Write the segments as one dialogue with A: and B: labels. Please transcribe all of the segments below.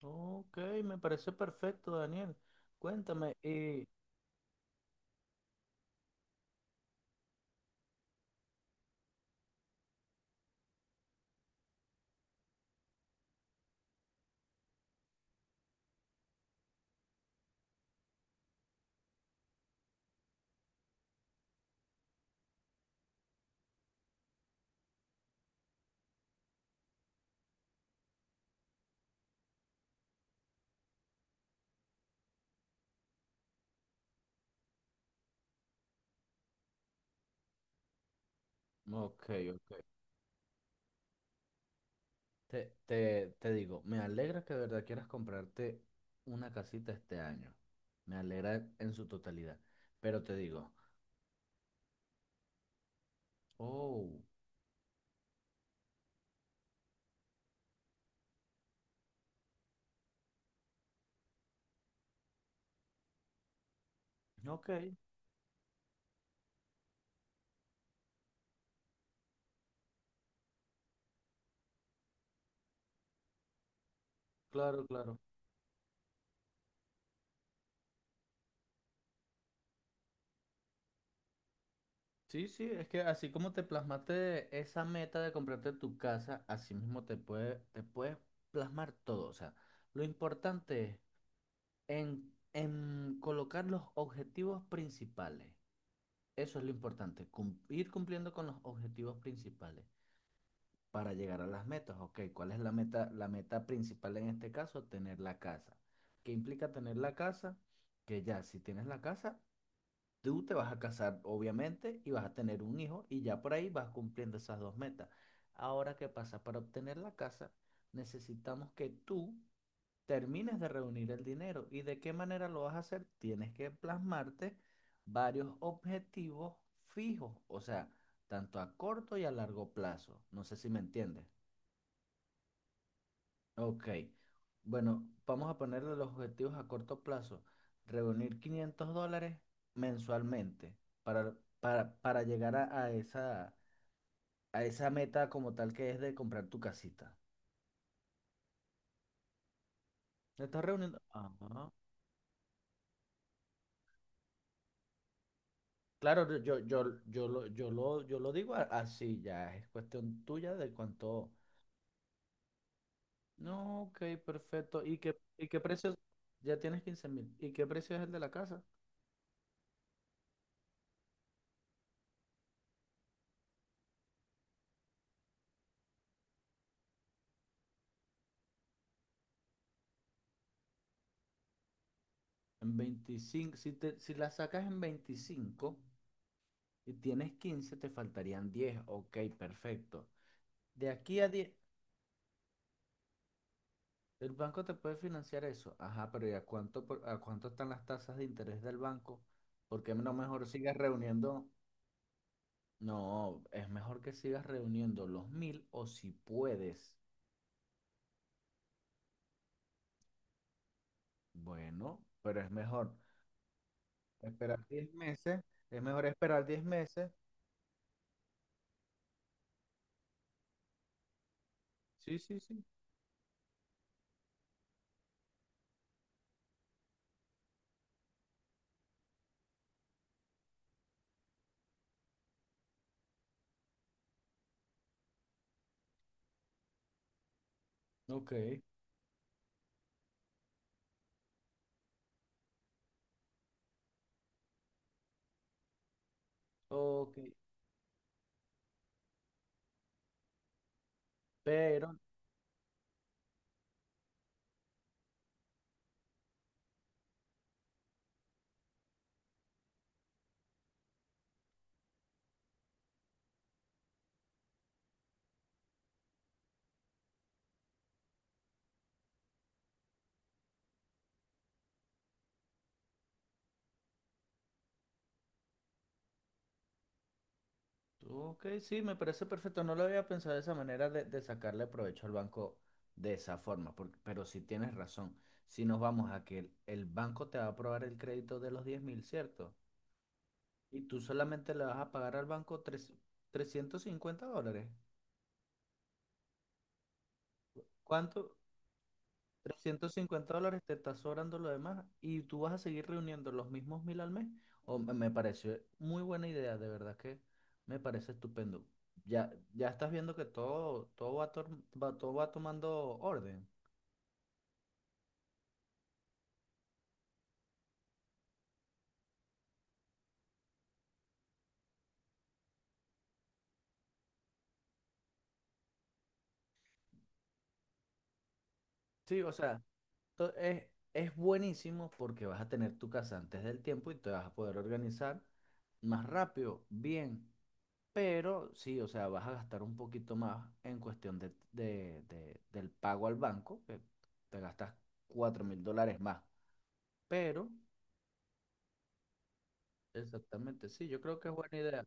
A: Ok, me parece perfecto, Daniel. Cuéntame Ok, ok. Te digo, me alegra que de verdad quieras comprarte una casita este año. Me alegra en su totalidad. Pero te digo, oh, ok, claro, claro. Sí, sí, es que así como te plasmaste esa meta de comprarte tu casa, así mismo te puedes plasmar todo. O sea, lo importante es en colocar los objetivos principales. Eso es lo importante, ir cumpliendo con los objetivos principales para llegar a las metas. Ok, ¿cuál es la meta? La meta principal en este caso, tener la casa. ¿Qué implica tener la casa? Que ya si tienes la casa, tú te vas a casar, obviamente, y vas a tener un hijo y ya por ahí vas cumpliendo esas dos metas. Ahora, ¿qué pasa? Para obtener la casa, necesitamos que tú termines de reunir el dinero. ¿Y de qué manera lo vas a hacer? Tienes que plasmarte varios objetivos fijos, o sea, tanto a corto y a largo plazo. No sé si me entiendes. Ok, bueno, vamos a ponerle los objetivos a corto plazo. Reunir $500 mensualmente para llegar a esa meta como tal que es de comprar tu casita. ¿Estás reuniendo? Ajá. Claro, no, yo lo digo así ya, es cuestión tuya de cuánto. No, ok, perfecto. Y qué precio? Ya tienes 15.000. ¿Y qué precio es el de la casa? En 25. Si, te, si la sacas en 25 y tienes 15 te faltarían 10. Ok, perfecto. De aquí a 10. El banco te puede financiar eso. Ajá, pero ¿y a cuánto, a cuánto están las tasas de interés del banco? Porque no mejor sigas reuniendo. No, es mejor que sigas reuniendo los mil o si puedes, bueno, pero es mejor esperar 10 meses, es mejor esperar 10 meses. Sí, sí, sí. Ok, ok, pero, ok, sí, me parece perfecto. No lo había pensado de esa manera de sacarle provecho al banco de esa forma, pero sí tienes razón. Si nos vamos a que el banco te va a aprobar el crédito de los 10.000, ¿cierto? Y tú solamente le vas a pagar al banco $350. ¿Cuánto? $350 te está sobrando lo demás y tú vas a seguir reuniendo los mismos mil al mes. O Me pareció muy buena idea, de verdad que me parece estupendo. Ya, ya estás viendo que todo, todo va tomando orden. Sí, o sea, to- es, es buenísimo porque vas a tener tu casa antes del tiempo y te vas a poder organizar más rápido, bien. Pero sí, o sea, vas a gastar un poquito más en cuestión de, del pago al banco, que te gastas $4.000 más. Pero, exactamente, sí, yo creo que es buena idea.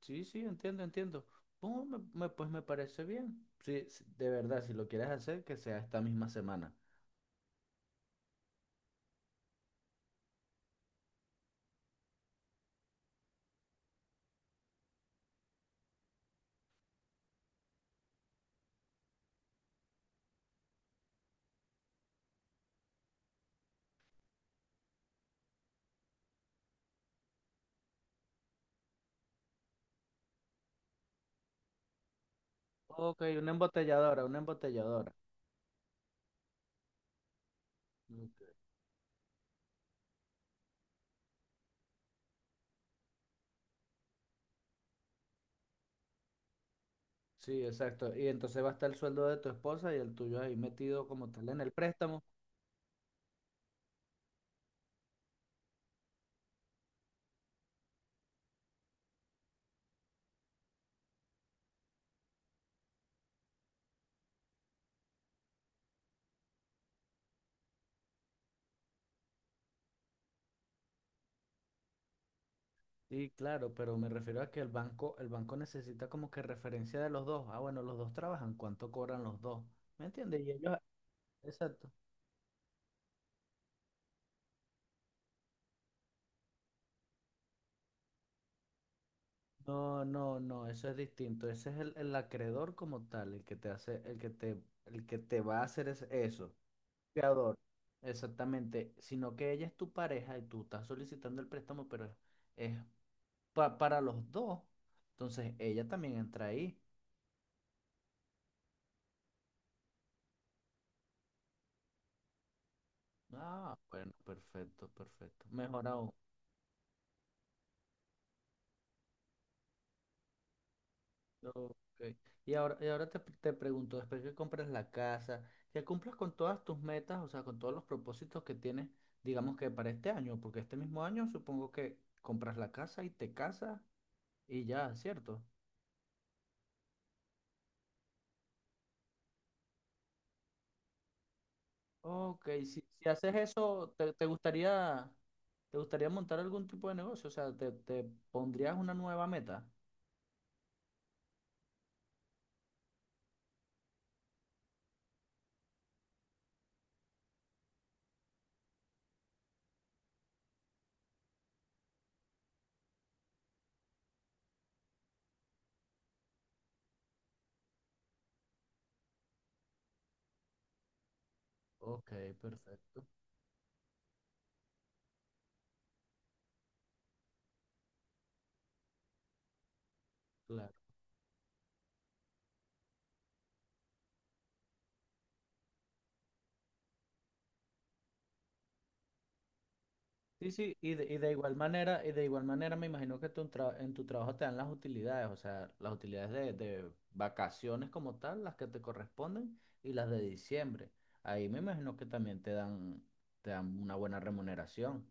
A: Sí, sí, entiendo, entiendo. Oh, pues me parece bien. Sí, sí, de verdad, si lo quieres hacer, que sea esta misma semana. Ok, una embotelladora, una embotelladora. Ok. Sí, exacto. Y entonces va a estar el sueldo de tu esposa y el tuyo ahí metido como tal en el préstamo. Sí, claro, pero me refiero a que el banco necesita como que referencia de los dos. Ah, bueno, los dos trabajan, ¿cuánto cobran los dos? ¿Me entiendes? Y ellos, exacto. No, no, no, eso es distinto. Ese es el acreedor como tal, el que te hace, el que te va a hacer es eso. Fiador. Exactamente. Sino que ella es tu pareja y tú estás solicitando el préstamo, pero es para los dos. Entonces ella también entra ahí. Ah, bueno, perfecto, perfecto. Mejor aún. Ok. Y ahora te pregunto, después que compras la casa, que cumplas con todas tus metas, o sea, con todos los propósitos que tienes, digamos que para este año, porque este mismo año supongo que compras la casa y te casas y ya, ¿cierto? Ok, si, si haces eso, te gustaría montar algún tipo de negocio? O sea, te pondrías una nueva meta. Ok, perfecto. Claro. Sí, sí, y de igual manera, y de igual manera me imagino que en tu trabajo te dan las utilidades, o sea, las utilidades de vacaciones como tal, las que te corresponden, y las de diciembre. Ahí me imagino que también te dan una buena remuneración.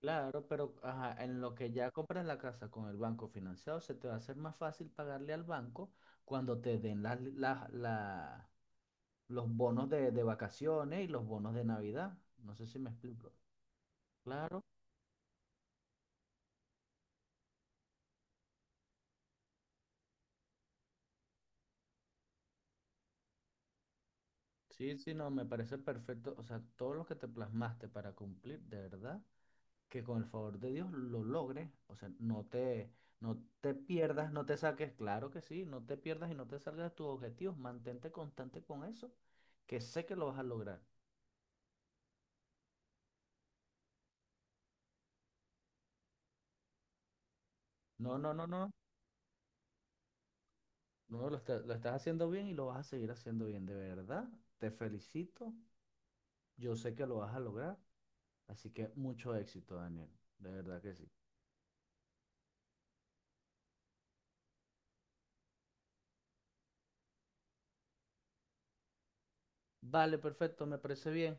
A: Claro, pero ajá, en lo que ya compras la casa con el banco financiado, se te va a hacer más fácil pagarle al banco cuando te den los bonos de vacaciones y los bonos de Navidad. No sé si me explico. Claro. Sí, sí, no, me parece perfecto. O sea, todo lo que te plasmaste para cumplir, de verdad, que con el favor de Dios lo logres. O sea, no te, no te pierdas, no te saques, claro que sí, no te pierdas y no te salgas de tus objetivos. Mantente constante con eso, que sé que lo vas a lograr. No, no, no, no. No, lo estás haciendo bien y lo vas a seguir haciendo bien, de verdad. Te felicito. Yo sé que lo vas a lograr. Así que mucho éxito, Daniel. De verdad que sí. Vale, perfecto, me parece bien.